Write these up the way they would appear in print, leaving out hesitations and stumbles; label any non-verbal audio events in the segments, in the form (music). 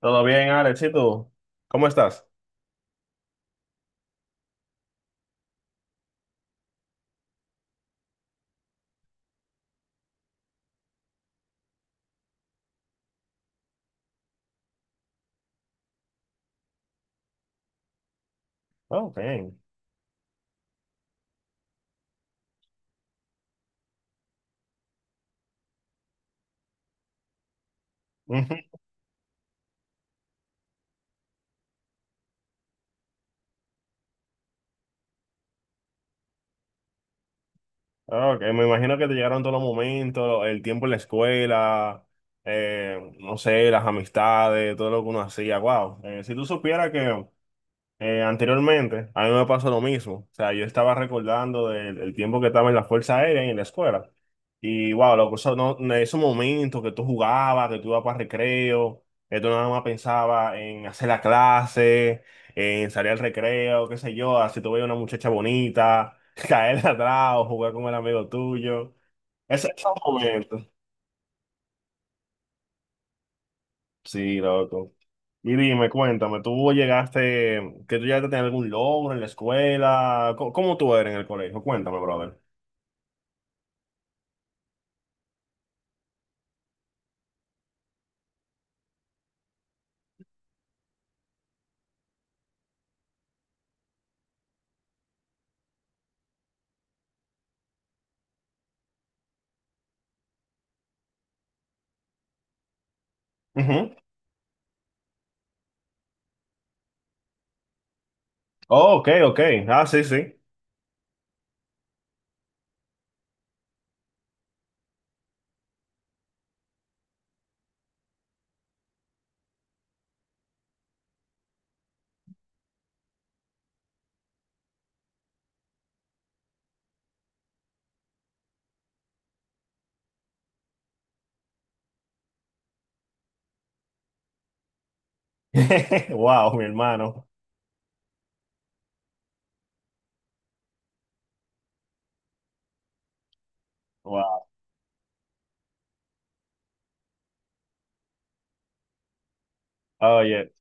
¿Todo bien, Alex? ¿Y tú? ¿Cómo estás? Oh, bien. Ujú. Ah, Ok, me imagino que te llegaron todos los momentos, el tiempo en la escuela, no sé, las amistades, todo lo que uno hacía. Wow. Si tú supieras que Anteriormente, a mí me pasó lo mismo. O sea, yo estaba recordando el tiempo que estaba en la Fuerza Aérea y en la escuela. Y wow, loco, eso no, en esos momentos que tú jugabas, que tú ibas para recreo, que tú nada más pensabas en hacer la clase, en salir al recreo, qué sé yo, así tú veías una muchacha bonita, (laughs) caerle atrás o jugar con el amigo tuyo. Esos momentos. Sí, loco. Y dime, cuéntame, ¿que tú llegaste a tener algún logro en la escuela? ¿Cómo tú eres en el colegio? Cuéntame, brother. Ujú. Oh, ok, ok. Ah, sí, sí. (laughs) Wow, mi hermano. Wow. Oye.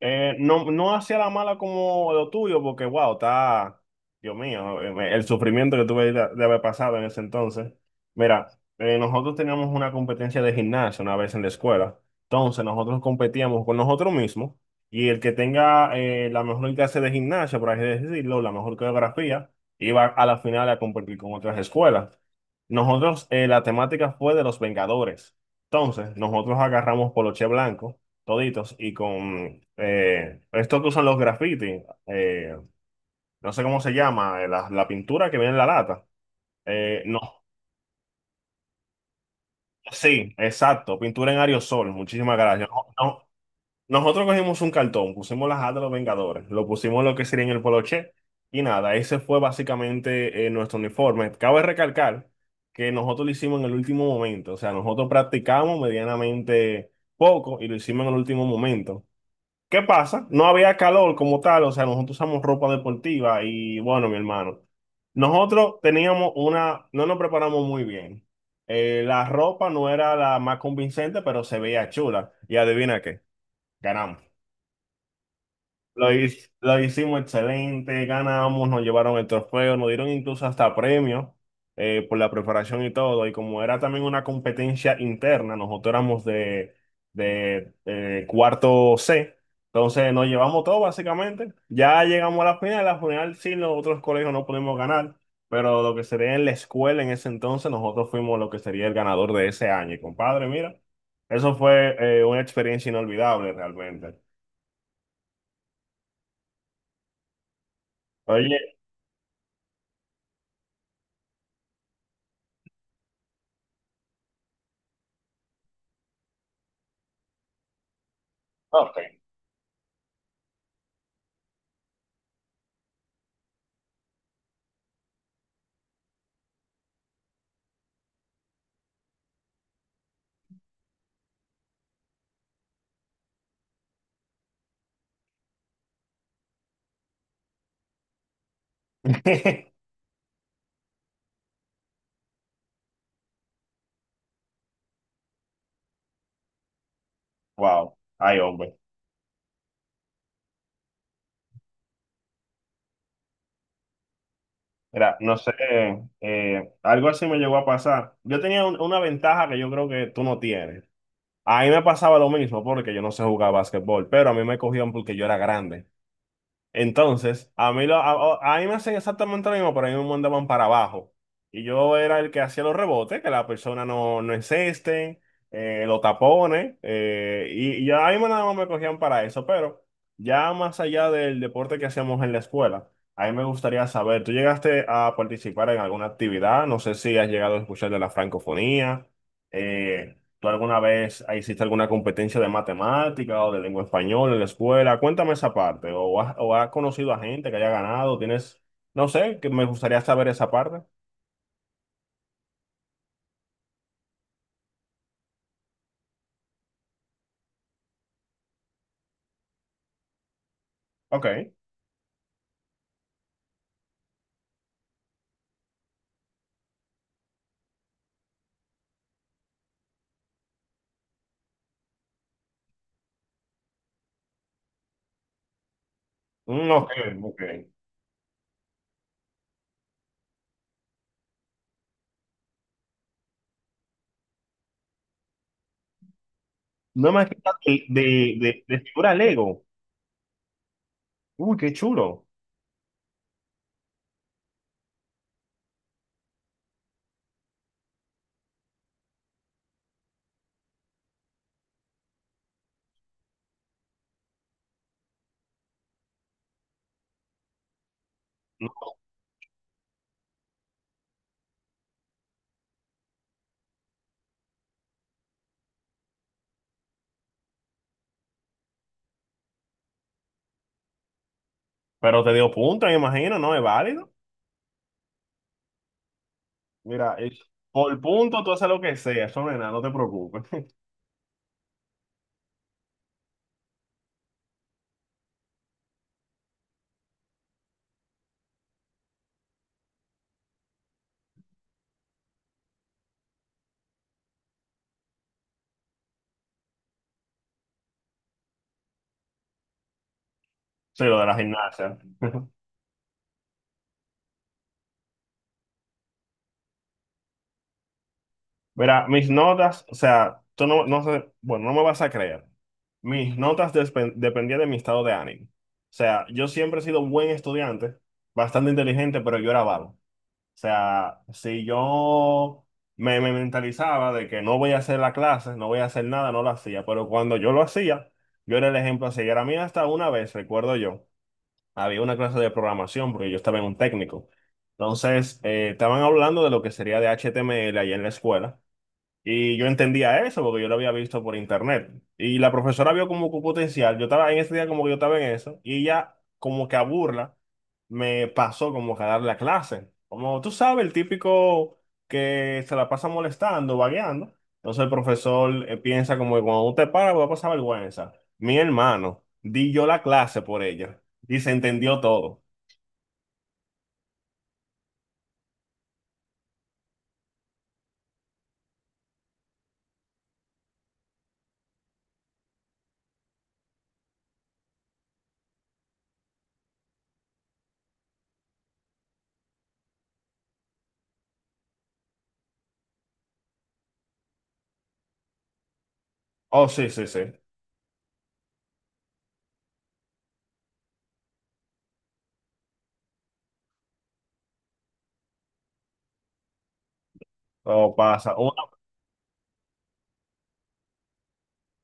No, no hacia la mala como lo tuyo, porque wow, está, Dios mío, el sufrimiento que tuve de haber pasado en ese entonces. Mira, nosotros teníamos una competencia de gimnasio una vez en la escuela. Entonces nosotros competíamos con nosotros mismos y el que tenga la mejor clase de gimnasia, por así decirlo, la mejor coreografía, iba a la final a competir con otras escuelas. Nosotros, la temática fue de los Vengadores. Entonces, nosotros agarramos poloche blanco toditos y con esto que usan los graffiti, no sé cómo se llama, la, la pintura que viene en la lata. No, sí, exacto, pintura en aerosol, muchísimas gracias. No, nosotros cogimos un cartón, pusimos las A de los Vengadores, lo pusimos lo que sería en el poloche y nada, ese fue básicamente nuestro uniforme. Cabe recalcar que nosotros lo hicimos en el último momento, o sea, nosotros practicamos medianamente poco y lo hicimos en el último momento. ¿Qué pasa? No había calor como tal, o sea, nosotros usamos ropa deportiva y bueno, mi hermano, nosotros teníamos una, no nos preparamos muy bien. La ropa no era la más convincente, pero se veía chula. Y adivina qué, ganamos. Lo hicimos excelente, ganamos, nos llevaron el trofeo, nos dieron incluso hasta premios por la preparación y todo. Y como era también una competencia interna, nosotros éramos de cuarto C, entonces nos llevamos todo básicamente. Ya llegamos a la final sí, los otros colegios no pudimos ganar, pero lo que sería en la escuela en ese entonces, nosotros fuimos lo que sería el ganador de ese año. Y compadre, mira, eso fue una experiencia inolvidable realmente. Oye, ok. (laughs) Wow, ay hombre. Mira, no sé, algo así me llegó a pasar. Yo tenía una ventaja que yo creo que tú no tienes. A mí me pasaba lo mismo porque yo no sé jugar básquetbol, pero a mí me cogían porque yo era grande. Entonces, a mí me hacen exactamente lo mismo, pero a mí me mandaban para abajo. Y yo era el que hacía los rebotes, que la persona no, no encesten, los tapones, y a mí nada más me cogían para eso. Pero ya más allá del deporte que hacíamos en la escuela, a mí me gustaría saber, ¿tú llegaste a participar en alguna actividad? No sé si has llegado a escuchar de la francofonía, eh, ¿tú alguna vez hiciste alguna competencia de matemática o de lengua española en la escuela? Cuéntame esa parte. O has conocido a gente que haya ganado? ¿Tienes, no sé, que me gustaría saber esa parte? Ok. Mm, ok, ok. No me has quitado de figura Lego. Uy, qué chulo. No, pero te dio punto, me imagino, ¿no? ¿Es válido? Mira, es- por punto tú haces lo que sea, eso no es nada, no te preocupes. (laughs) Sí, lo de la gimnasia. (laughs) Verá, mis notas, o sea, tú no, no sé, bueno, no me vas a creer. Mis notas dependían de mi estado de ánimo. O sea, yo siempre he sido un buen estudiante, bastante inteligente, pero yo era vago. O sea, si yo me mentalizaba de que no voy a hacer la clase, no voy a hacer nada, no lo hacía. Pero cuando yo lo hacía, yo era el ejemplo a seguir. A mí hasta una vez, recuerdo yo, había una clase de programación, porque yo estaba en un técnico. Entonces, estaban hablando de lo que sería de HTML ahí en la escuela. Y yo entendía eso porque yo lo había visto por internet. Y la profesora vio como que potencial. Yo estaba en ese día como que yo estaba en eso. Y ella como que a burla me pasó como que a dar la clase. Como tú sabes, el típico que se la pasa molestando, vagueando. Entonces el profesor piensa como que cuando usted para va a pasar vergüenza. Mi hermano, di yo la clase por ella. Y se entendió todo. Oh, sí, sí, sí. Todo pasa.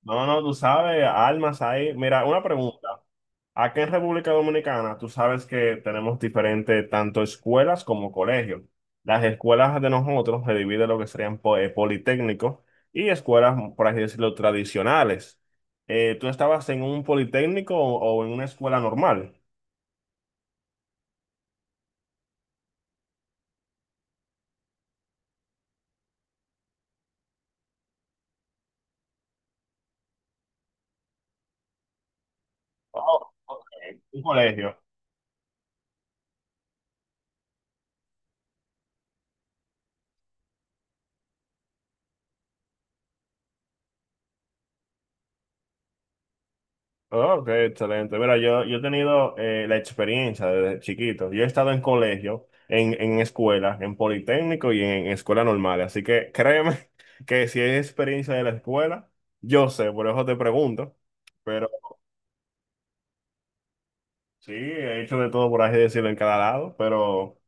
No, no, tú sabes, almas ahí. Mira, una pregunta. Aquí en República Dominicana, tú sabes que tenemos diferentes tanto escuelas como colegios. Las escuelas de nosotros se dividen en lo que serían politécnicos y escuelas, por así decirlo, tradicionales. ¿Tú estabas en un politécnico o en una escuela normal? Oh, ok. Un colegio. Oh, Ok, excelente. Mira, yo he tenido la experiencia desde chiquito. Yo he estado en colegio, en escuela, en politécnico y en escuela normal. Así que créeme (laughs) que si hay experiencia de la escuela, yo sé, por eso te pregunto. Pero sí, he hecho de todo por así decirlo en cada lado. Pero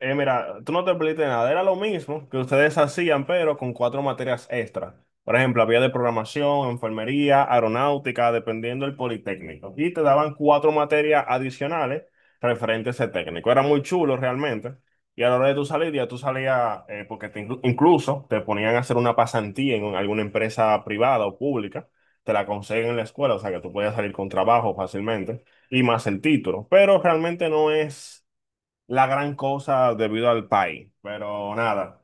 Mira, tú no te perdiste nada, era lo mismo que ustedes hacían, pero con cuatro materias extra. Por ejemplo, había de programación, enfermería, aeronáutica, dependiendo del politécnico. Y te daban cuatro materias adicionales referentes a ese técnico. Era muy chulo realmente. Y a la hora de tu salir, ya tú salías, incluso te ponían a hacer una pasantía en alguna empresa privada o pública. Te la consiguen en la escuela, o sea que tú podías salir con trabajo fácilmente y más el título. Pero realmente no es la gran cosa debido al país, pero nada,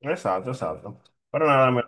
exacto, exacto. Pero nada, me-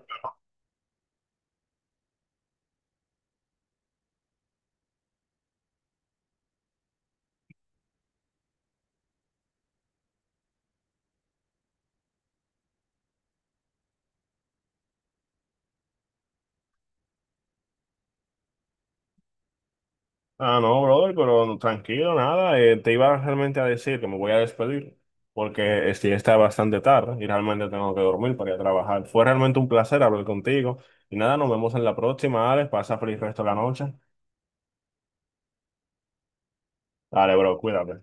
Ah, no, brother, pero no, tranquilo, nada, te iba realmente a decir que me voy a despedir porque sí está bastante tarde y realmente tengo que dormir para ir a trabajar. Fue realmente un placer hablar contigo y nada, nos vemos en la próxima, Alex, pasa feliz resto de la noche. Dale, bro, cuídate.